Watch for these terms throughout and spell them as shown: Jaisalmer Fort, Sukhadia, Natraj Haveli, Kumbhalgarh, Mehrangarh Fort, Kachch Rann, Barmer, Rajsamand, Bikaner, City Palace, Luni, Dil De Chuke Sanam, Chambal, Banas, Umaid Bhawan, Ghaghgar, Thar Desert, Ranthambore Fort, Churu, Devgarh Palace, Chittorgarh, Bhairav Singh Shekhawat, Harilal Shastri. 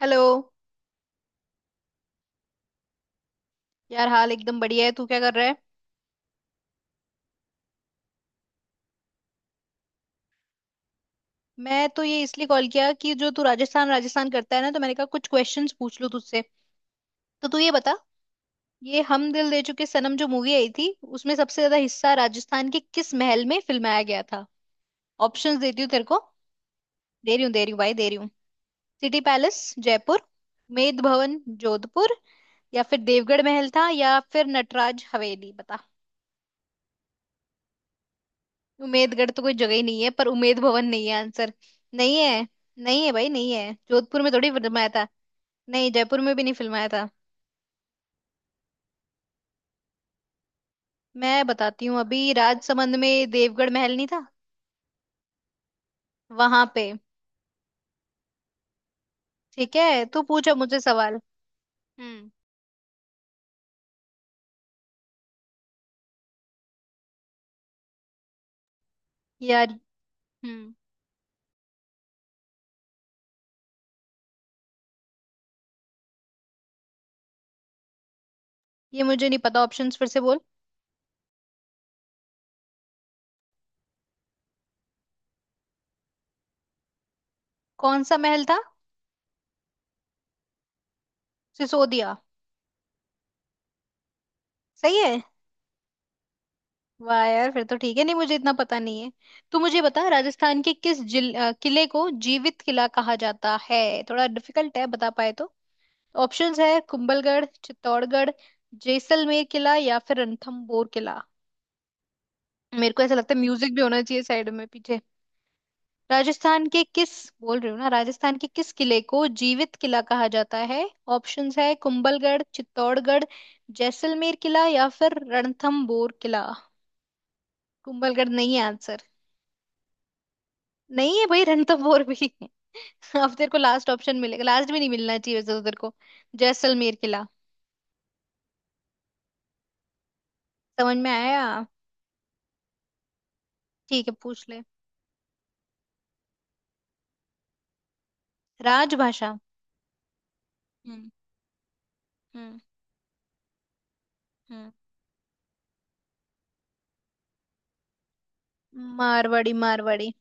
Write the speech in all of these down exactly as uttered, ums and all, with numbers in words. Hello. यार, हाल एकदम बढ़िया है। तू क्या कर रहा है? मैं तो ये इसलिए कॉल किया कि जो तू राजस्थान राजस्थान करता है ना, तो मैंने कहा कुछ क्वेश्चंस पूछ लूं तुझसे। तो तू ये बता, ये हम दिल दे चुके सनम जो मूवी आई थी, उसमें सबसे ज्यादा हिस्सा राजस्थान के किस महल में फिल्माया गया था? ऑप्शंस देती हूँ तेरे को। दे रही हूँ, दे रही हूँ भाई, दे रही हूँ। सिटी पैलेस जयपुर, मेद भवन जोधपुर, या फिर देवगढ़ महल था, या फिर नटराज हवेली। बता। उमेदगढ़ तो कोई जगह ही नहीं है, पर उमेद भवन नहीं है आंसर। नहीं है। नहीं है भाई, नहीं है। जोधपुर में थोड़ी फिल्माया था। नहीं, जयपुर में भी नहीं फिल्माया था। मैं बताती हूँ अभी, राजसमंद में देवगढ़ महल नहीं था वहां पे। ठीक है, तू पूछो मुझसे सवाल। हम्म। यार, हम्म, ये मुझे नहीं पता। ऑप्शंस फिर से बोल। कौन सा महल था? सिसोदिया। सही है। वाह यार, फिर तो ठीक है, नहीं मुझे इतना पता नहीं है। तू मुझे बता, राजस्थान के किस जिल अ, किले को जीवित किला कहा जाता है? थोड़ा डिफिकल्ट है, बता पाए तो। ऑप्शंस है कुंभलगढ़, चित्तौड़गढ़, जैसलमेर किला या फिर रणथंभौर किला। मेरे को ऐसा लगता है म्यूजिक भी होना चाहिए साइड में, पीछे। राजस्थान के किस बोल रही हूँ ना, राजस्थान के किस किले को जीवित किला कहा जाता है? ऑप्शंस है कुंभलगढ़, चित्तौड़गढ़, जैसलमेर किला या फिर रणथंभौर किला। कुंभलगढ़ नहीं है आंसर। नहीं है भाई, रणथंभौर भी है। अब तेरे को लास्ट ऑप्शन मिलेगा, लास्ट में नहीं मिलना चाहिए वैसे तो तेरे को। जैसलमेर किला। समझ में आया? ठीक है, पूछ ले। राजभाषा? हम्म। हम्म। हम्म। मारवाड़ी, मारवाड़ी,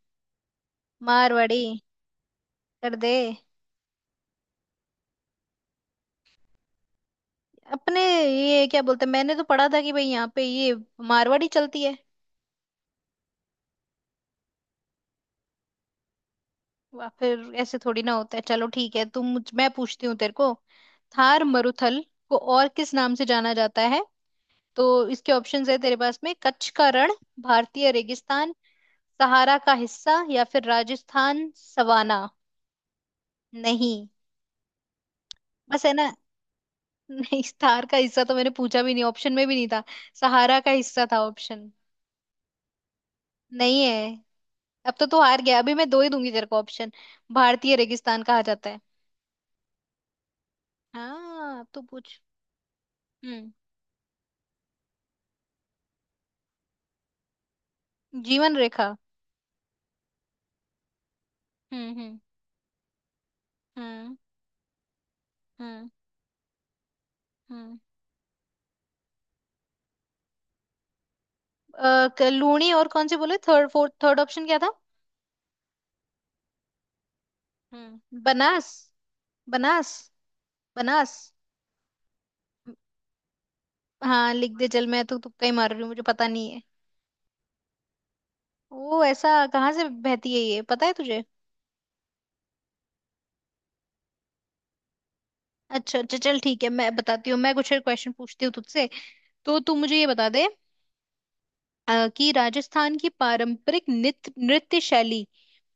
मारवाड़ी। कर दे। अपने ये क्या बोलते हैं? मैंने तो पढ़ा था कि भाई यहाँ पे ये मारवाड़ी चलती है। वाह, फिर ऐसे थोड़ी ना होता है। चलो ठीक है, तुम मुझ मैं पूछती हूँ तेरे को। थार मरुथल को और किस नाम से जाना जाता है? तो इसके ऑप्शंस है तेरे पास में कच्छ का रण, भारतीय रेगिस्तान, सहारा का हिस्सा, या फिर राजस्थान सवाना। नहीं। बस है ना? नहीं, स्टार का हिस्सा तो मैंने पूछा भी नहीं, ऑप्शन में भी नहीं था। सहारा का हिस्सा था ऑप्शन। नहीं है। अब तो तू हार गया, अभी मैं दो ही दूंगी तेरे को ऑप्शन। भारतीय रेगिस्तान कहा जाता है। हाँ, अब तो पूछ। हम्म। जीवन रेखा? हम्म। हम्म। हम्म। हम्म। हम्म। अ, क- लूणी, और कौन से बोले? थर्ड, फोर्थ, थर्ड ऑप्शन क्या था? हम्म, बनास, बनास, बनास। हाँ लिख दे, चल। मैं तो तुक्का ही मार रही हूँ, मुझे पता नहीं है। ओ, ऐसा कहाँ से बहती है ये पता है तुझे? अच्छा अच्छा, चल ठीक है। मैं बताती हूँ, मैं कुछ क्वेश्चन पूछती हूँ तुझसे। तो तू मुझे ये बता दे अ, कि राजस्थान की पारंपरिक नृत्य नृत्य शैली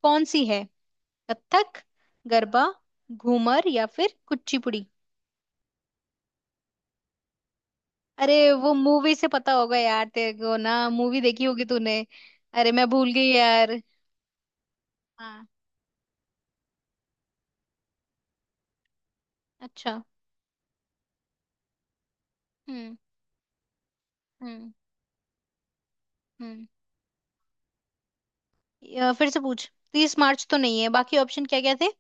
कौन सी है? कथक, गरबा, घूमर या फिर कुचिपुड़ी? अरे, वो मूवी से पता होगा यार तेरे को, ना मूवी देखी होगी तूने। अरे मैं भूल गई यार। हाँ। अच्छा। हम्म। हम्म। हम्म। अ, फिर से पूछ। तीस मार्च तो नहीं है, बाकी ऑप्शन क्या क्या थे?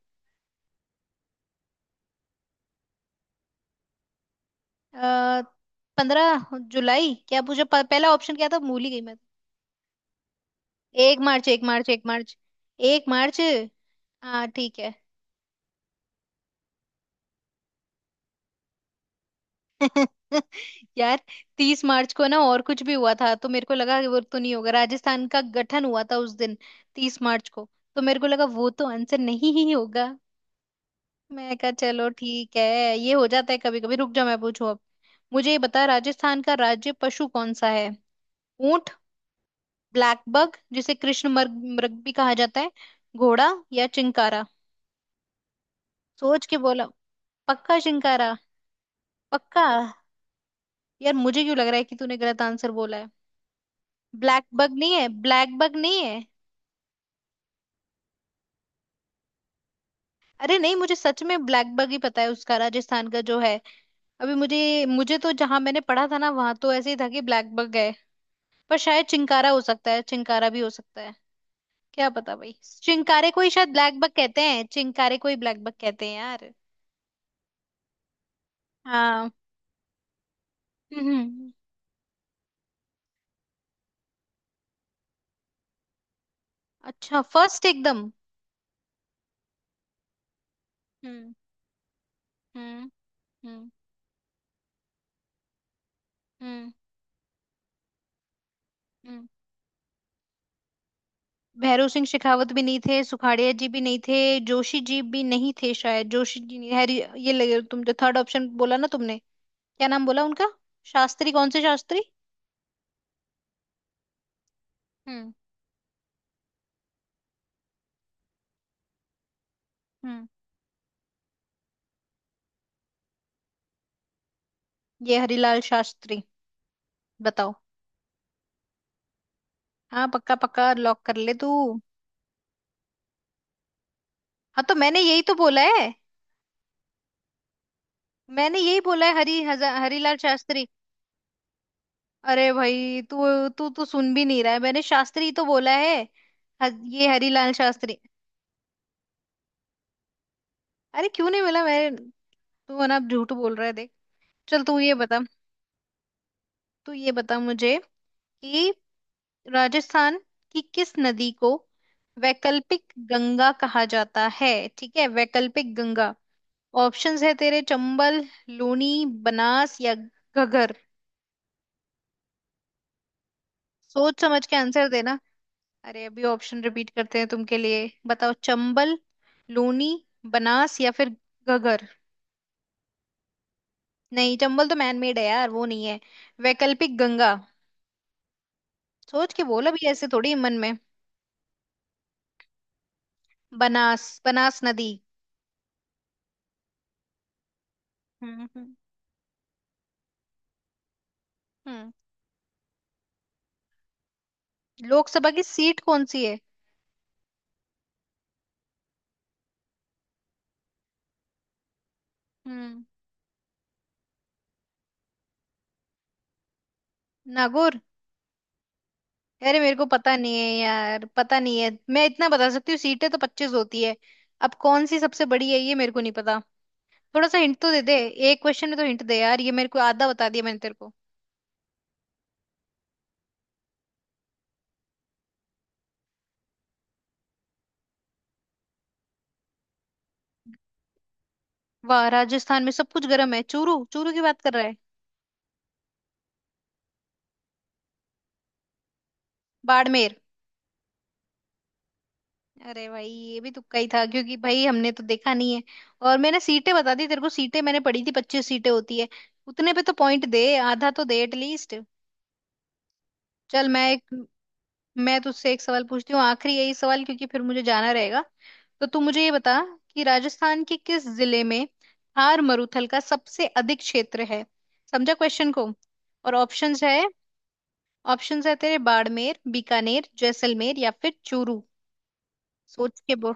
पंद्रह जुलाई क्या पूछा? प- पहला ऑप्शन क्या था? भूल ही गई मैं। एक मार्च, एक मार्च, एक मार्च, एक मार्च। हाँ ठीक है। यार, तीस मार्च को ना और कुछ भी हुआ था, तो मेरे को लगा कि वो तो नहीं होगा। राजस्थान का गठन हुआ था उस दिन, तीस मार्च को। तो मेरे को लगा वो तो आंसर नहीं ही होगा, मैं कहा चलो ठीक है। ये हो जाता है कभी कभी। रुक जाओ, मैं पूछूं अब। मुझे ये बता, राजस्थान का राज्य पशु कौन सा है? ऊंट, ब्लैक बग जिसे कृष्ण मृग मृग भी कहा जाता है, घोड़ा, या चिंकारा? सोच के बोला? पक्का चिंकारा? पक्का? यार मुझे क्यों लग रहा है कि तूने गलत आंसर बोला है। ब्लैक बग नहीं है? ब्लैक बग नहीं है। अरे नहीं, मुझे सच में ब्लैक बग ही पता है उसका राजस्थान का जो है। अभी मुझे मुझे तो जहां मैंने पढ़ा था ना, वहां तो ऐसे ही था कि ब्लैक बग है। पर शायद चिंकारा हो सकता है, चिंकारा भी हो सकता है, क्या पता भाई। चिंकारे को ही शायद ब्लैक बग कहते हैं, चिंकारे को ही ब्लैक बग कहते हैं यार। हाँ। हम्म। हम्म। अच्छा, फर्स्ट एकदम? हम्म। हम्म। हम्म। हम्म। हम्म। भैरव सिंह शेखावत भी नहीं थे, सुखाड़िया जी भी नहीं थे, जोशी जी भी नहीं थे, शायद जोशी जी नहीं हैरी। ये लगे, तुम जो थर्ड ऑप्शन बोला ना तुमने, क्या नाम बोला उनका? शास्त्री, कौन से शास्त्री? हम्म। हम्म। ये हरिलाल शास्त्री, बताओ। हाँ पक्का, पक्का लॉक कर ले तू। हाँ तो मैंने यही तो बोला है। मैंने यही बोला है, हरी हजा- हरिलाल शास्त्री। अरे भाई, तू तू तो सुन भी नहीं रहा है, मैंने शास्त्री तो बोला है। ह- ये हरीलाल शास्त्री। अरे क्यों नहीं मिला मैं? तू है ना, अब झूठ बोल रहा है, देख। चल तू ये बता। तू ये बता मुझे, कि राजस्थान की किस नदी को वैकल्पिक गंगा कहा जाता है? ठीक है, वैकल्पिक गंगा। ऑप्शंस है तेरे चंबल, लूनी, बनास या घगर। सोच समझ के आंसर देना। अरे अभी ऑप्शन रिपीट करते हैं तुमके लिए, बताओ। चंबल, लूनी, बनास या फिर घगर। नहीं, चंबल तो मैनमेड है यार, वो नहीं है। वैकल्पिक गंगा। सोच के बोल, अभी ऐसे थोड़ी मन में। बनास, बनास नदी। हम्म। हम्म। हम्म। लोकसभा की सीट कौन सी है? हम्म। नागौर। अरे मेरे को पता नहीं है यार, पता नहीं है। मैं इतना बता सकती हूँ, सीटें तो पच्चीस होती है। अब कौन सी सबसे बड़ी है ये मेरे को नहीं पता। थोड़ा सा हिंट तो दे दे, एक क्वेश्चन में तो हिंट दे यार, ये मेरे को। आधा बता दिया मैंने तेरे को। वाह, राजस्थान में सब कुछ गर्म है, चूरू चूरू की बात कर रहा है? बाड़मेर। अरे भाई ये भी तुक्का ही था, क्योंकि भाई हमने तो देखा नहीं है। और मैंने सीटें बता दी तेरे को, सीटें मैंने पढ़ी थी, पच्चीस सीटें होती है। उतने पे तो पॉइंट दे, आधा तो दे एटलीस्ट। चल मैं एक मैं तुझसे एक सवाल पूछती हूँ आखिरी, यही सवाल, क्योंकि फिर मुझे जाना रहेगा। तो तू मुझे ये बता, कि राजस्थान के किस जिले में थार मरुथल का सबसे अधिक क्षेत्र है? समझा क्वेश्चन को? और ऑप्शंस है ऑप्शंस है तेरे बाड़मेर, बीकानेर, जैसलमेर या फिर चूरू। सोच के बोल।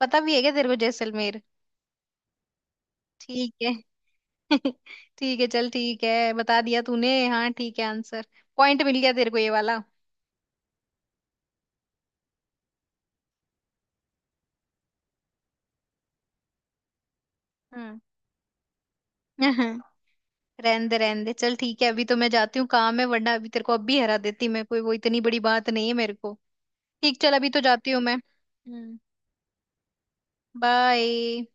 पता भी है क्या तेरे को, जैसलमेर? ठीक है। ठीक है, चल ठीक है, बता दिया तूने। हाँ ठीक है, आंसर। पॉइंट मिल गया तेरे को ये वाला। हम्म। रहने दे रहने दे, चल ठीक है। अभी तो मैं जाती हूँ, काम है, वरना अभी तेरे को अब भी हरा देती मैं, कोई वो इतनी बड़ी बात नहीं है मेरे को। ठीक, चल, अभी तो जाती हूँ मैं। हम्म। बाय।